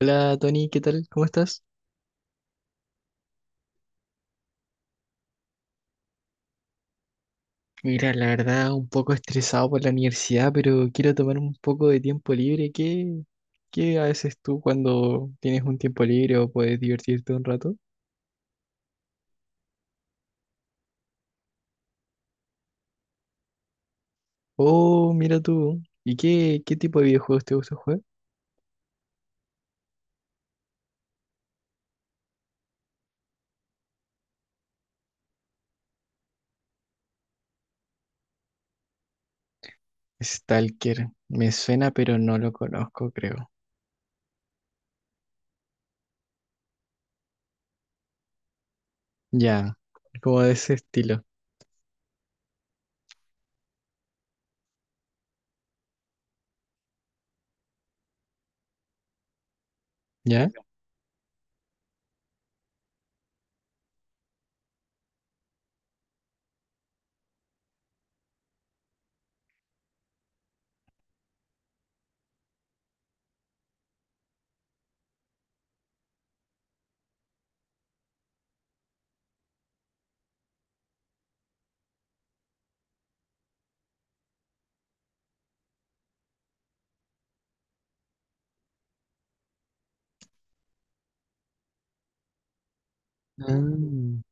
Hola Tony, ¿qué tal? ¿Cómo estás? Mira, la verdad, un poco estresado por la universidad, pero quiero tomar un poco de tiempo libre. ¿Qué haces tú cuando tienes un tiempo libre o puedes divertirte un rato? Oh, mira tú. ¿Y qué tipo de videojuegos te gusta jugar? Stalker. Me suena, pero no lo conozco, creo. Ya, como de ese estilo. ¿Ya? Ah,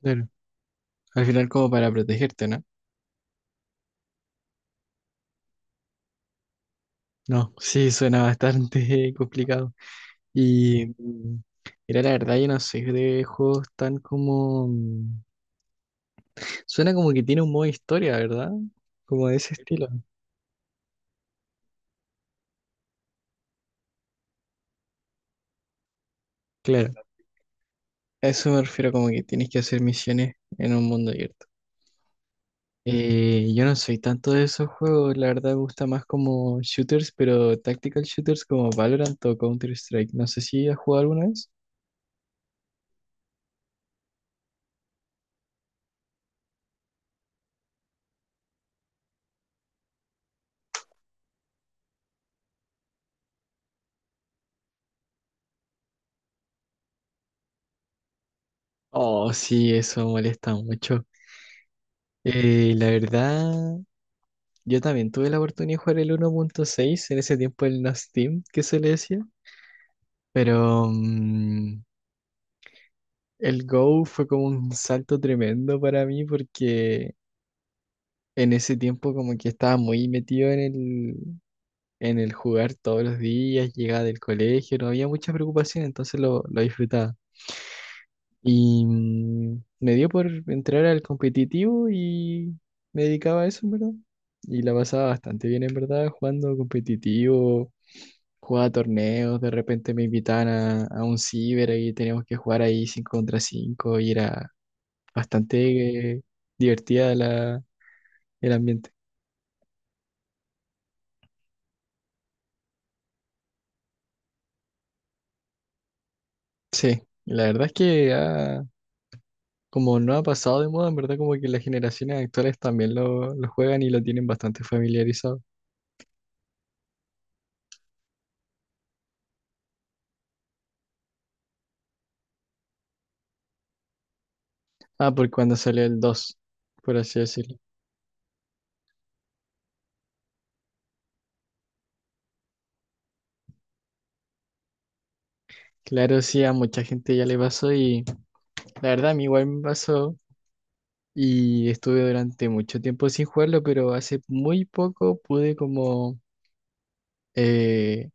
claro. Al final como para protegerte, ¿no? No, sí, suena bastante complicado. Y mira, la verdad, yo no sé de juegos tan como. Suena como que tiene un modo historia, ¿verdad? Como de ese estilo. Claro, a eso me refiero, como que tienes que hacer misiones en un mundo abierto. Yo no soy tanto de esos juegos, la verdad, me gusta más como shooters, pero tactical shooters como Valorant o Counter-Strike. No sé si has jugado alguna vez. Oh, sí, eso molesta mucho. La verdad. Yo también tuve la oportunidad de jugar el 1.6 en ese tiempo el No Steam, que se le decía, pero el Go fue como un salto tremendo para mí porque en ese tiempo como que estaba muy metido en en el jugar todos los días, llegaba del colegio, no había mucha preocupación, entonces lo disfrutaba. Y me dio por entrar al competitivo y me dedicaba a eso, en verdad. Y la pasaba bastante bien, en verdad, jugando competitivo. Jugaba torneos, de repente me invitaban a un ciber y teníamos que jugar ahí 5 contra 5 y era bastante divertida el ambiente. Sí, la verdad es que como no ha pasado de moda, en verdad como que las generaciones actuales también lo juegan y lo tienen bastante familiarizado. Ah, por cuando salió el dos, por así decirlo. Claro, sí, a mucha gente ya le pasó y la verdad a mí igual me pasó y estuve durante mucho tiempo sin jugarlo, pero hace muy poco pude como eh,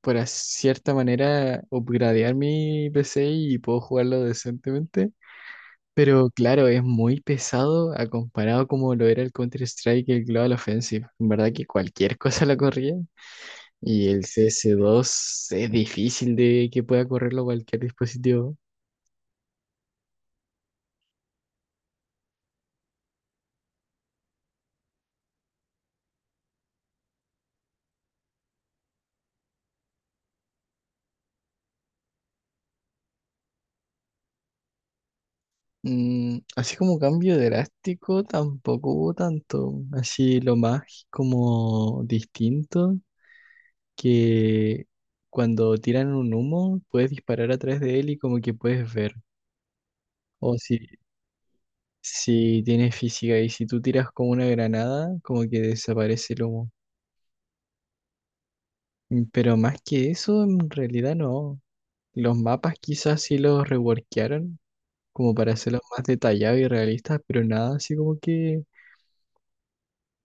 por cierta manera, upgradear mi PC y puedo jugarlo decentemente. Pero claro, es muy pesado a comparado como lo era el Counter-Strike y el Global Offensive. En verdad que cualquier cosa la corría. Y el CS2 es difícil de que pueda correrlo cualquier dispositivo. Así como cambio drástico, tampoco hubo tanto. Así lo más como distinto que cuando tiran un humo puedes disparar atrás de él y como que puedes ver. O si, si tienes física y si tú tiras con una granada, como que desaparece el humo. Pero más que eso, en realidad no. Los mapas quizás sí los reworkearon como para hacerlos más detallados y realistas, pero nada así como que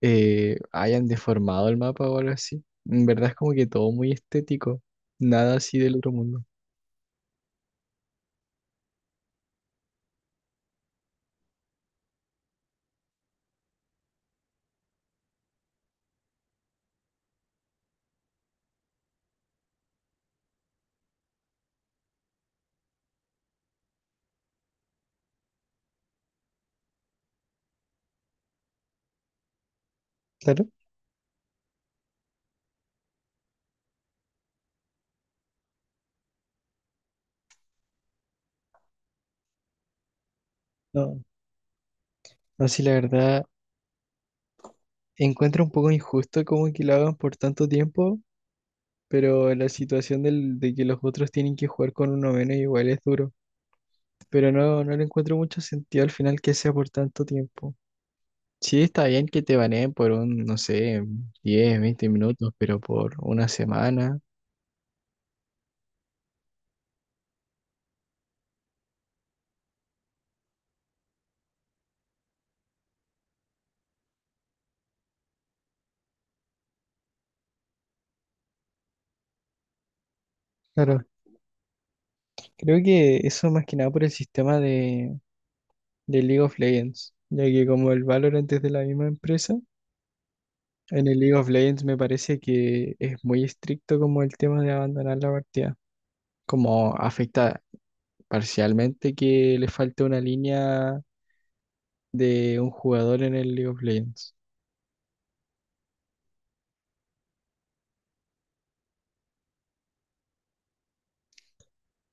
hayan deformado el mapa o algo así. En verdad es como que todo muy estético, nada así del otro mundo. Claro. No, no, sí, la verdad. Encuentro un poco injusto como que lo hagan por tanto tiempo, pero la situación de que los otros tienen que jugar con uno menos igual es duro. Pero no, no le encuentro mucho sentido al final que sea por tanto tiempo. Sí, está bien que te baneen por un, no sé, 10, 20 minutos, pero por una semana. Claro, creo que eso más que nada por el sistema de League of Legends, ya que como el Valorant es de la misma empresa, en el League of Legends me parece que es muy estricto como el tema de abandonar la partida. Como afecta parcialmente que le falte una línea de un jugador en el League of Legends.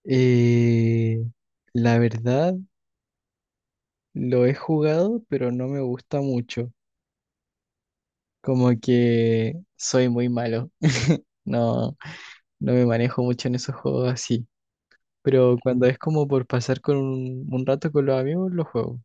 Eh, la verdad, lo he jugado, pero no me gusta mucho. Como que soy muy malo. No, no me manejo mucho en esos juegos así. Pero cuando es como por pasar con un rato con los amigos, lo juego.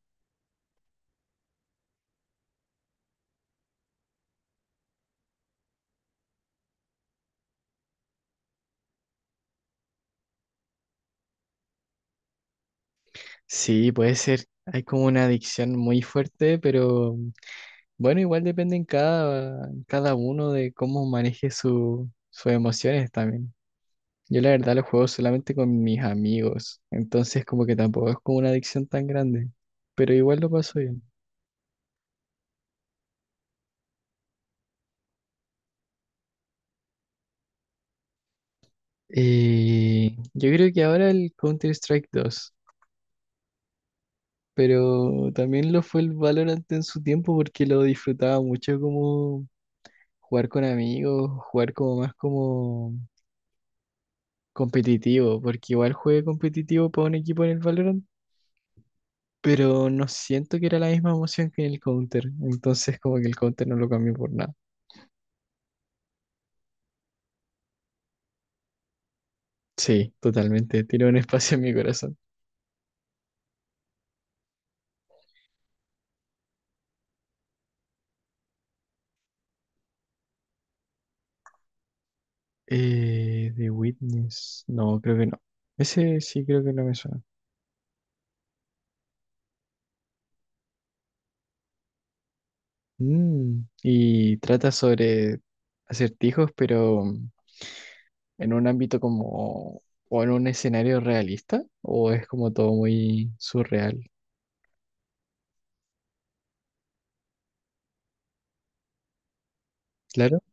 Sí, puede ser. Hay como una adicción muy fuerte, pero bueno, igual depende en en cada uno de cómo maneje sus emociones también. Yo la verdad lo juego solamente con mis amigos, entonces como que tampoco es como una adicción tan grande, pero igual lo paso bien. Yo creo que ahora el Counter-Strike 2, pero también lo fue el Valorant en su tiempo porque lo disfrutaba mucho como jugar con amigos, jugar como más como competitivo, porque igual jugué competitivo para un equipo en el Valorant, pero no siento que era la misma emoción que en el Counter, entonces como que el Counter no lo cambió por nada. Sí, totalmente, tiene un espacio en mi corazón. The Witness, no, creo que no. Ese sí creo que no me suena. Mm, y trata sobre acertijos, pero en un ámbito como, o en un escenario realista, o es como todo muy surreal. Claro,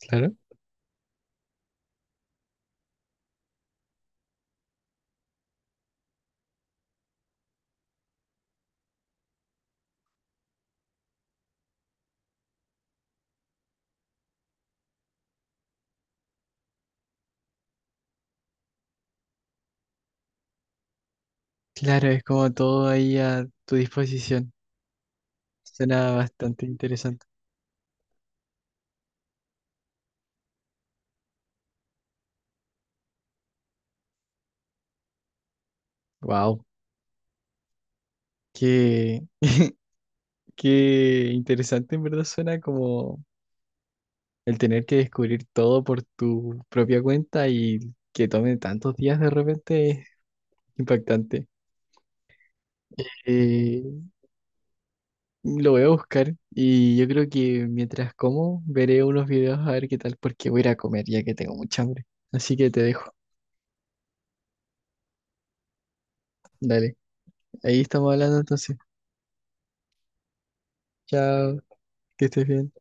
claro. Claro, es como todo ahí a tu disposición. Suena bastante interesante. Wow. Qué, qué interesante en verdad suena como el tener que descubrir todo por tu propia cuenta y que tome tantos días de repente es impactante. Eh, lo voy a buscar y yo creo que mientras como veré unos videos a ver qué tal porque voy a ir a comer ya que tengo mucha hambre. Así que te dejo. Dale, ahí estamos hablando entonces. Chao, que estés bien.